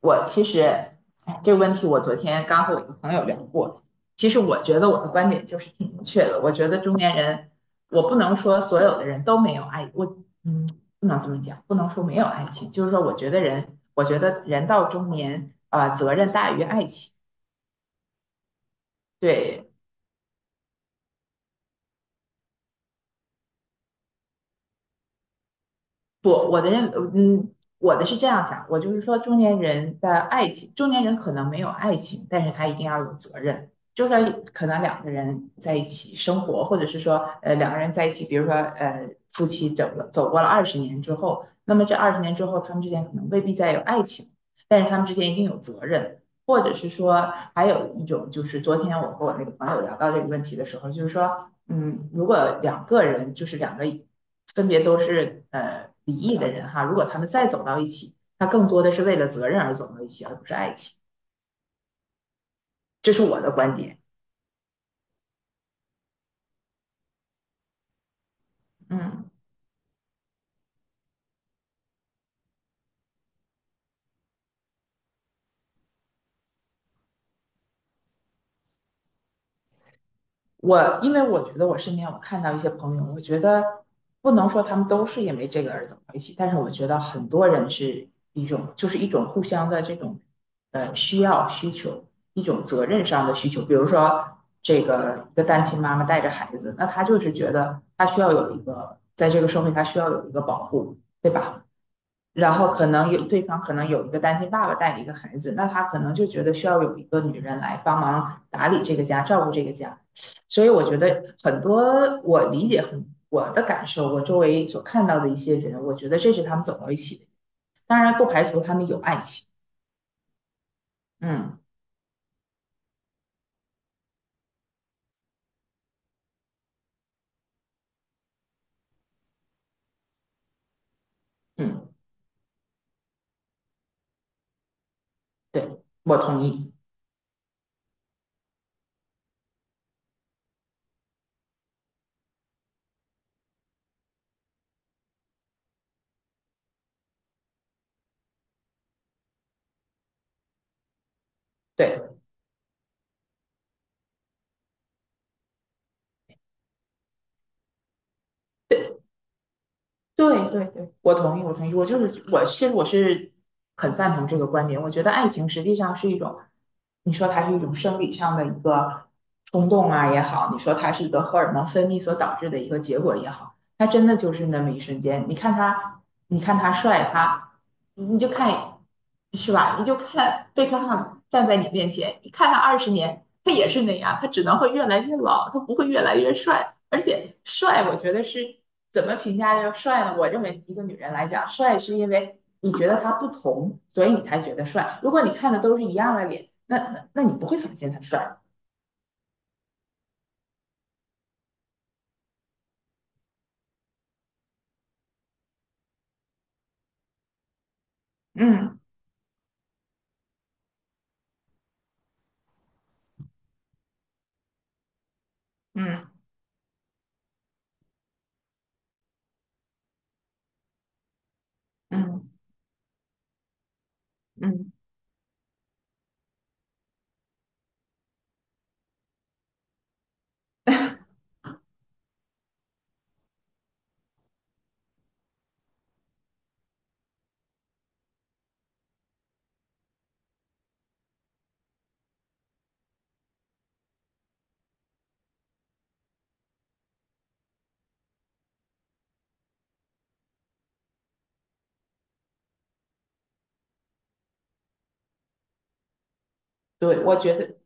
我其实，哎。这个问题我昨天刚和我一个朋友聊过。其实我觉得我的观点就是挺明确的。我觉得中年人，我不能说所有的人都没有爱，嗯，不能这么讲，不能说没有爱情。就是说，我觉得人，我觉得人到中年，啊，责任大于爱情。对，不，我的是这样想，我就是说，中年人的爱情，中年人可能没有爱情，但是他一定要有责任。就算可能两个人在一起生活，或者是说，两个人在一起，比如说，夫妻走过了二十年之后，那么这二十年之后，他们之间可能未必再有爱情，但是他们之间一定有责任。或者是说，还有一种，就是昨天我和我那个朋友聊到这个问题的时候，就是说。如果两个人，就是两个分别都是离异的人哈，如果他们再走到一起，那更多的是为了责任而走到一起，而不是爱情。这是我的观点。嗯。我因为我觉得我身边我看到一些朋友，我觉得不能说他们都是因为这个而走到一起，但是我觉得很多人是一种互相的这种需求，一种责任上的需求。比如说这个一个单亲妈妈带着孩子，那她就是觉得她需要有一个在这个社会她需要有一个保护，对吧？然后可能有对方可能有一个单亲爸爸带一个孩子，那他可能就觉得需要有一个女人来帮忙打理这个家，照顾这个家。所以我觉得很多我理解很我的感受，我周围所看到的一些人，我觉得这是他们走到一起的。当然不排除他们有爱情。嗯嗯，对，我同意。对对，对对对，我同意，我同意，我其实我是很赞同这个观点。我觉得爱情实际上是一种，你说它是一种生理上的一个冲动啊也好，你说它是一个荷尔蒙分泌所导致的一个结果也好，它真的就是那么一瞬间。你看他，你看他帅，他你就看，是吧？你就看贝克汉姆站在你面前，你看他二十年，他也是那样，他只能会越来越老，他不会越来越帅。而且帅，我觉得是怎么评价叫帅呢？我认为一个女人来讲，帅是因为你觉得他不同，所以你才觉得帅。如果你看的都是一样的脸，那你不会发现他帅。嗯嗯嗯嗯，对，我觉得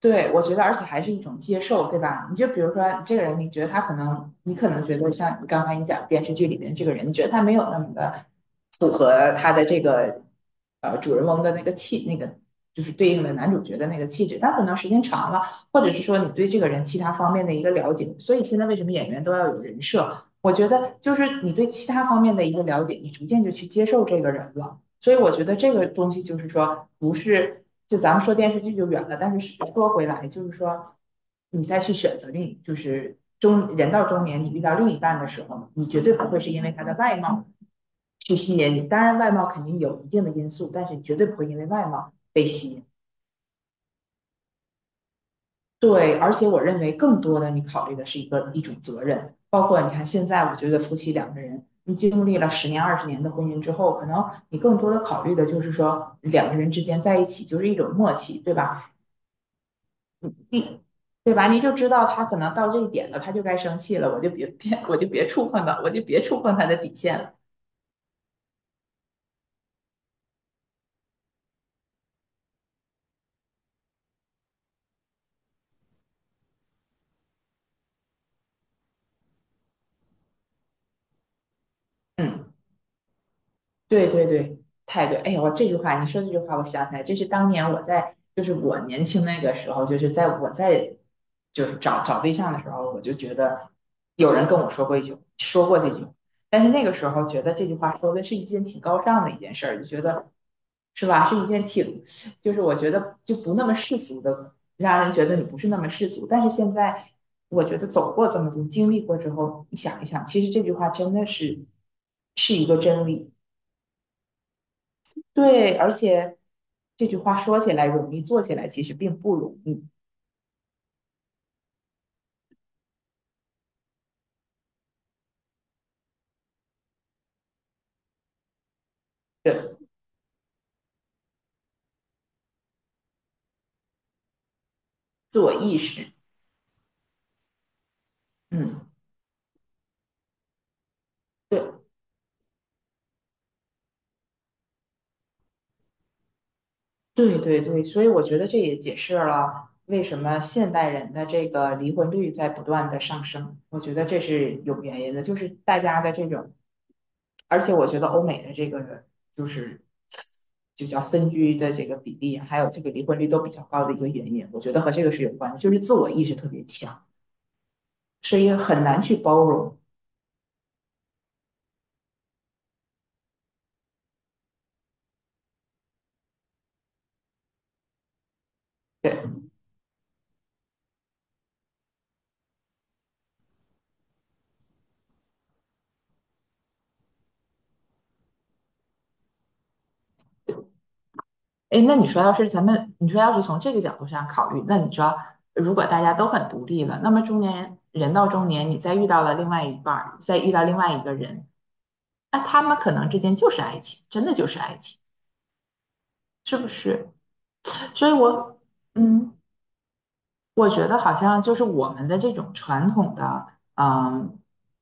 对，我觉得，而且还是一种接受，对吧？你就比如说，这个人，你觉得他可能，你可能觉得像你刚才你讲电视剧里面这个人，你觉得他没有那么的符合他的这个主人翁的那个气，那个就是对应的男主角的那个气质。但可能时间长了，或者是说你对这个人其他方面的一个了解，所以现在为什么演员都要有人设？我觉得就是你对其他方面的一个了解，你逐渐就去接受这个人了。所以我觉得这个东西就是说，不是就咱们说电视剧就远了，但是说回来，就是说你再去选择另，就是中人到中年，你遇到另一半的时候，你绝对不会是因为他的外貌去吸引你。当然，外貌肯定有一定的因素，但是你绝对不会因为外貌被吸引。对，而且我认为更多的你考虑的是一个一种责任，包括你看现在，我觉得夫妻两个人，你经历了十年、二十年的婚姻之后，可能你更多的考虑的就是说两个人之间在一起就是一种默契，对吧？你，对吧？你就知道他可能到这一点了，他就该生气了，我就别触碰到，我就别触碰他的底线了。嗯，对对对，太对！哎呦，我这句话你说这句话，我想起来，这是当年我在，就是我年轻那个时候，就是在就是找找对象的时候，我就觉得有人跟我说过一句，说过这句话，但是那个时候觉得这句话说的是一件挺高尚的一件事儿，就觉得是吧，是一件挺，就是我觉得就不那么世俗的，让人觉得你不是那么世俗。但是现在我觉得走过这么多，经历过之后，你想一想，其实这句话真的是一个真理。对，而且这句话说起来容易，做起来其实并不容易。对，自我意识，嗯，对，对对对，所以我觉得这也解释了为什么现代人的这个离婚率在不断的上升。我觉得这是有原因的，就是大家的这种，而且我觉得欧美的这个就是就叫分居的这个比例，还有这个离婚率都比较高的一个原因，我觉得和这个是有关的，就是自我意识特别强，所以很难去包容。哎，那你说，要是咱们，你说要是从这个角度上考虑，那你知道，如果大家都很独立了，那么中年人，人到中年，你再遇到了另外一半儿，再遇到另外一个人，那他们可能之间就是爱情，真的就是爱情，是不是？所以我，嗯。我觉得好像就是我们的这种传统的，嗯，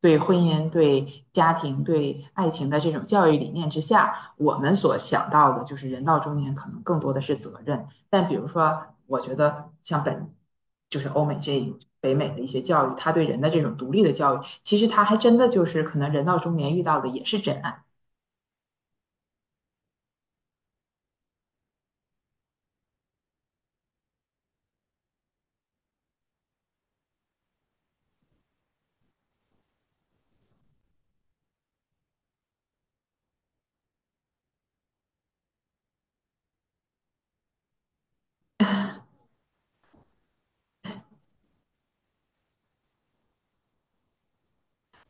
对婚姻、对家庭、对爱情的这种教育理念之下，我们所想到的就是人到中年可能更多的是责任。但比如说，我觉得像本就是欧美这北美的一些教育，对人人的这种独立其实还真就是可能到中年遇也爱。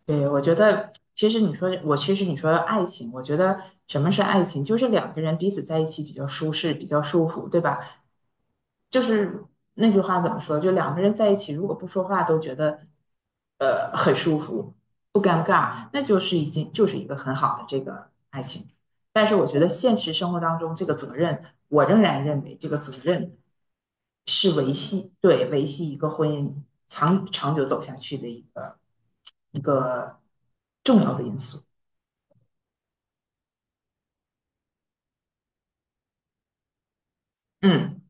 对，我觉得其实你说我其实你说爱情，我觉得什么是爱情，就是两个人彼此在一起比较舒适，比较舒服，对吧？就是那句话怎么说？就两个人在一起，如果不说话都觉得很舒服，不尴尬，那就是已经就是一个很好的这个爱情。但是我觉得现实生活当中，这个责任，我仍然认为这个责任是维系，对，维系一个婚姻长久走下去的一个。一个重要的因素。嗯，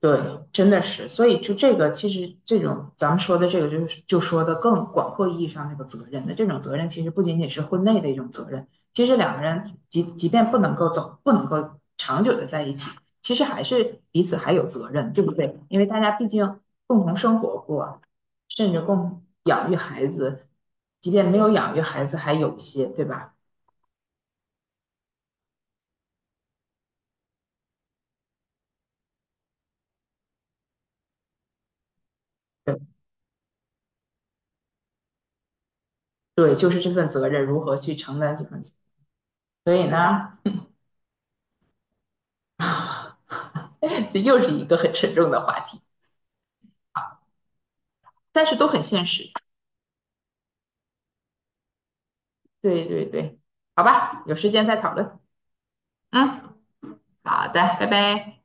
对，真的是，所以就这个，其实这种咱们说的这个，就是就说的更广阔意义上那个责任的这种责任，其实不仅仅是婚内的一种责任，其实两个人即便不能够走，不能够长久的在一起，其实还是彼此还有责任，对不对？因为大家毕竟共同生活过，甚至共同养育孩子，即便没有养育孩子，还有一些，对吧？对，就是这份责任如何去承担所以呢，这又是一个很沉重的话题，但是都很现实。对对对，好吧，有时间再讨论。嗯，好的，拜拜。